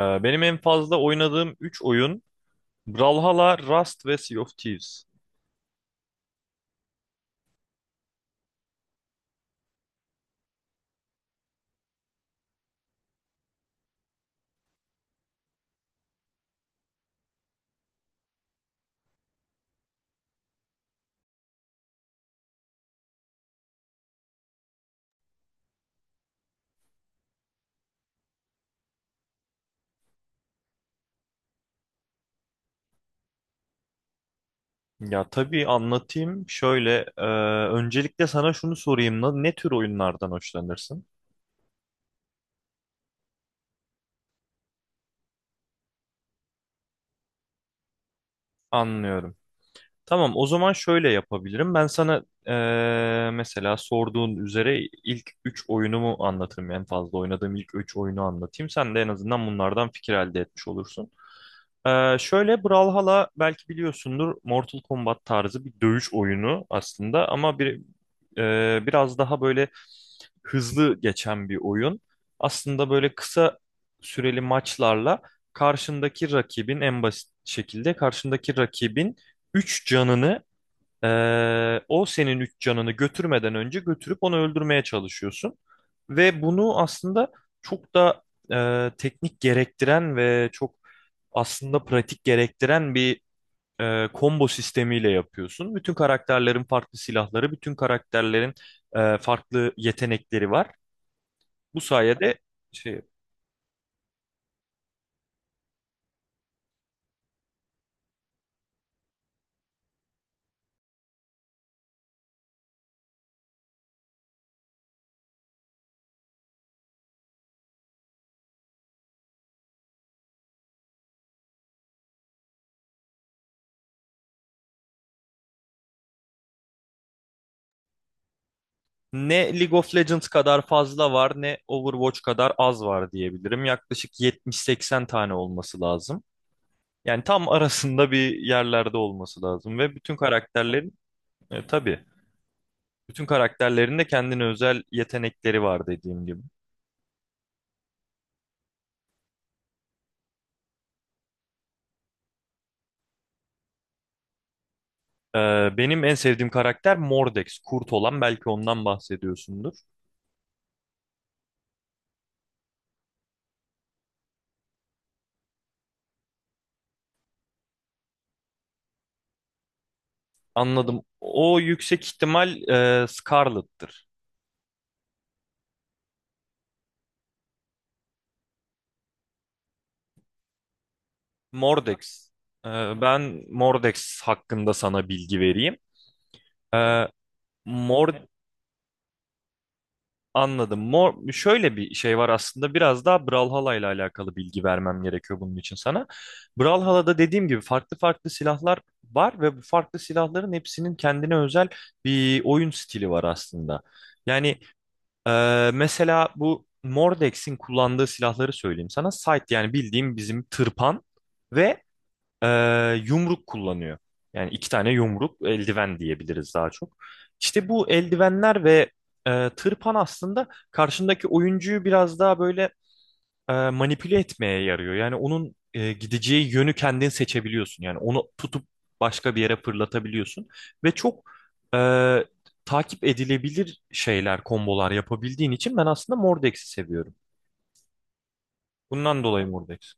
Benim en fazla oynadığım 3 oyun Brawlhalla, Rust ve Sea of Thieves. Ya tabii anlatayım. Şöyle, öncelikle sana şunu sorayım. Ne tür oyunlardan hoşlanırsın? Anlıyorum. Tamam, o zaman şöyle yapabilirim. Ben sana mesela sorduğun üzere ilk 3 oyunumu anlatırım. En fazla oynadığım ilk 3 oyunu anlatayım. Sen de en azından bunlardan fikir elde etmiş olursun. Şöyle, Brawlhalla belki biliyorsundur, Mortal Kombat tarzı bir dövüş oyunu aslında ama bir biraz daha böyle hızlı geçen bir oyun. Aslında böyle kısa süreli maçlarla karşındaki rakibin en basit şekilde karşındaki rakibin 3 canını, o senin üç canını götürmeden önce götürüp onu öldürmeye çalışıyorsun. Ve bunu aslında çok da teknik gerektiren ve çok aslında pratik gerektiren bir combo sistemiyle yapıyorsun. Bütün karakterlerin farklı silahları, bütün karakterlerin farklı yetenekleri var. Bu sayede şey, ne League of Legends kadar fazla var, ne Overwatch kadar az var diyebilirim. Yaklaşık 70-80 tane olması lazım. Yani tam arasında bir yerlerde olması lazım ve bütün karakterlerin, tabii, bütün karakterlerin de kendine özel yetenekleri var dediğim gibi. Benim en sevdiğim karakter Mordex, kurt olan, belki ondan bahsediyorsundur. Anladım. O yüksek ihtimal Scarlet'tır. Mordex. Ben Mordex hakkında sana bilgi vereyim. Ee, Mor- Anladım. Şöyle bir şey var aslında, biraz daha Brawlhalla ile alakalı bilgi vermem gerekiyor bunun için sana. Brawlhalla'da dediğim gibi farklı farklı silahlar var ve bu farklı silahların hepsinin kendine özel bir oyun stili var aslında. Yani mesela bu Mordex'in kullandığı silahları söyleyeyim sana. Sight, yani bildiğim bizim tırpan, ve yumruk kullanıyor. Yani iki tane yumruk, eldiven diyebiliriz daha çok. İşte bu eldivenler ve tırpan aslında karşındaki oyuncuyu biraz daha böyle manipüle etmeye yarıyor. Yani onun gideceği yönü kendin seçebiliyorsun. Yani onu tutup başka bir yere fırlatabiliyorsun. Ve çok e, takip edilebilir şeyler, kombolar yapabildiğin için ben aslında Mordeks'i seviyorum. Bundan dolayı Mordex.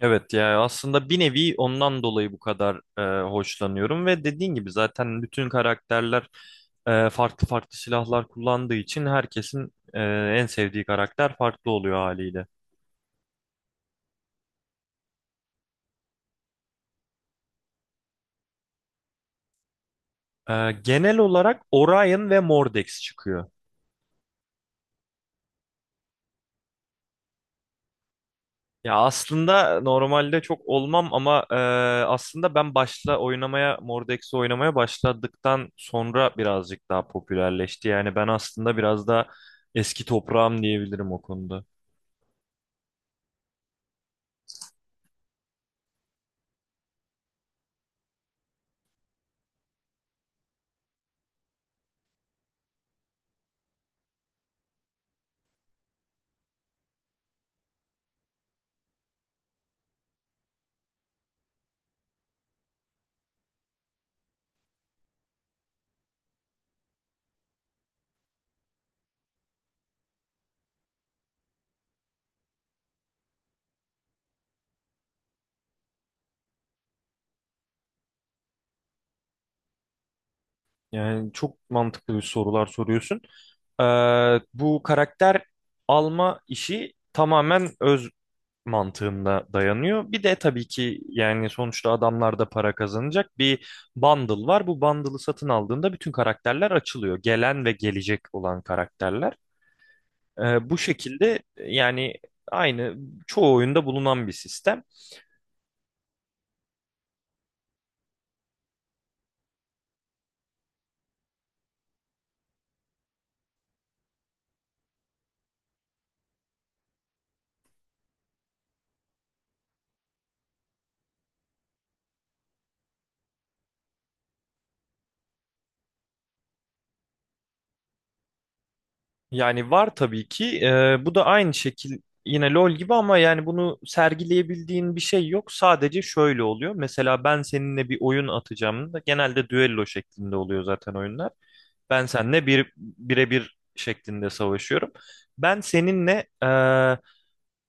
Evet ya, aslında bir nevi ondan dolayı bu kadar hoşlanıyorum ve dediğin gibi zaten bütün karakterler farklı farklı silahlar kullandığı için herkesin en sevdiği karakter farklı oluyor haliyle. Genel olarak Orion ve Mordex çıkıyor. Ya aslında normalde çok olmam ama aslında ben başla oynamaya Mordex'i oynamaya başladıktan sonra birazcık daha popülerleşti. Yani ben aslında biraz daha eski toprağım diyebilirim o konuda. Yani çok mantıklı bir sorular soruyorsun. Bu karakter alma işi tamamen öz mantığında dayanıyor. Bir de tabii ki yani sonuçta adamlar da para kazanacak bir bundle var. Bu bundle'ı satın aldığında bütün karakterler açılıyor. Gelen ve gelecek olan karakterler. Bu şekilde yani aynı çoğu oyunda bulunan bir sistem. Yani var tabii ki. Bu da aynı şekil, yine LoL gibi, ama yani bunu sergileyebildiğin bir şey yok. Sadece şöyle oluyor. Mesela ben seninle bir oyun atacağım da genelde düello şeklinde oluyor zaten oyunlar. Ben seninle bir birebir şeklinde savaşıyorum. Ben seninle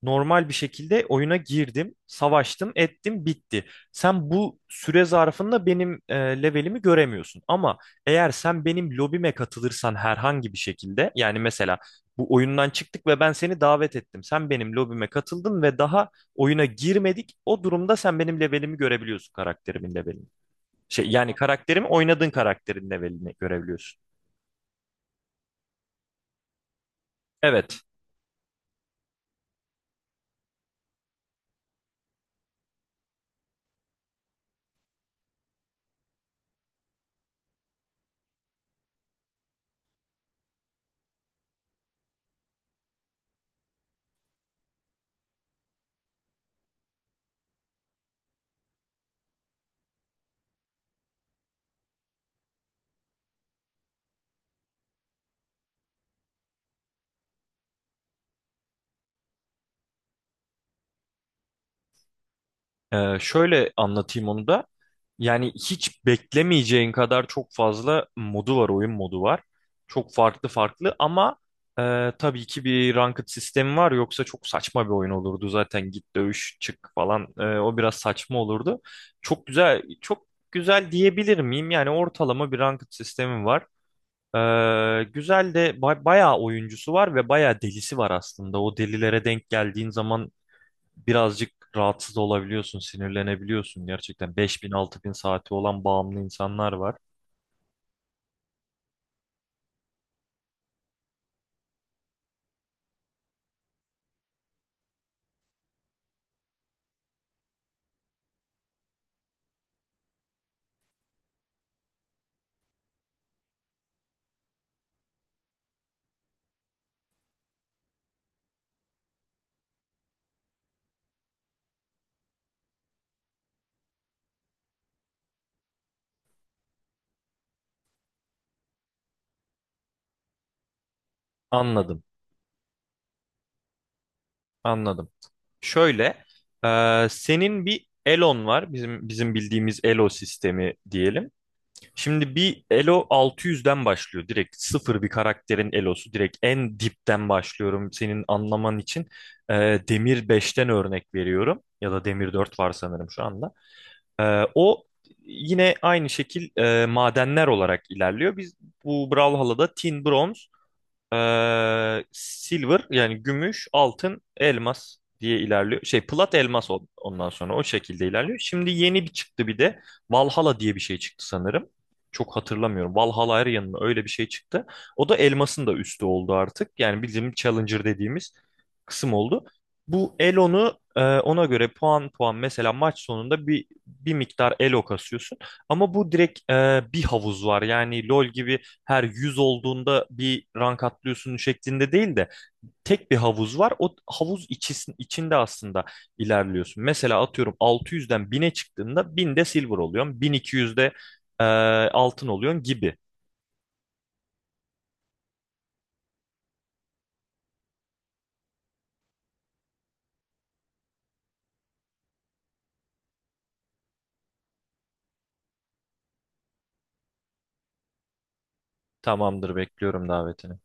normal bir şekilde oyuna girdim, savaştım, ettim, bitti. Sen bu süre zarfında benim levelimi göremiyorsun. Ama eğer sen benim lobime katılırsan herhangi bir şekilde, yani mesela bu oyundan çıktık ve ben seni davet ettim. Sen benim lobime katıldın ve daha oyuna girmedik. O durumda sen benim levelimi görebiliyorsun, karakterimin levelini. Yani, oynadığın karakterin levelini görebiliyorsun. Evet. Şöyle anlatayım onu da. Yani hiç beklemeyeceğin kadar çok fazla modu var, oyun modu var. Çok farklı farklı ama tabii ki bir ranked sistemi var. Yoksa çok saçma bir oyun olurdu zaten. Git dövüş çık falan. O biraz saçma olurdu. Çok güzel, çok güzel diyebilir miyim? Yani ortalama bir ranked sistemi var. Güzel de bayağı oyuncusu var ve bayağı delisi var aslında. O delilere denk geldiğin zaman birazcık rahatsız olabiliyorsun, sinirlenebiliyorsun gerçekten. 5.000-6.000 saati olan bağımlı insanlar var. Anladım, anladım. Şöyle, senin bir Elon var. Bizim bildiğimiz Elo sistemi diyelim. Şimdi bir Elo 600'den başlıyor. Direkt sıfır bir karakterin Elo'su. Direkt en dipten başlıyorum senin anlaman için. E, Demir beşten örnek veriyorum. Ya da Demir 4 var sanırım şu anda. O yine aynı şekil, madenler olarak ilerliyor. Biz bu Brawlhalla'da tin, bronz, silver yani gümüş, altın, elmas diye ilerliyor. Plat, elmas, ondan sonra o şekilde ilerliyor. Şimdi yeni bir çıktı bir de Valhalla diye bir şey çıktı sanırım. Çok hatırlamıyorum. Valhalla Arian mı, öyle bir şey çıktı. O da elmasın da üstü oldu artık. Yani bizim Challenger dediğimiz kısım oldu. Bu Elo'nu ona göre puan puan, mesela maç sonunda bir miktar Elo kasıyorsun. Ama bu direkt bir havuz var. Yani LoL gibi her 100 olduğunda bir rank atlıyorsun şeklinde değil de tek bir havuz var. O havuz içisin, içinde aslında ilerliyorsun. Mesela atıyorum 600'den 1000'e çıktığında 1000'de silver oluyorsun, 1200'de eee altın oluyorsun gibi. Tamamdır, bekliyorum davetini.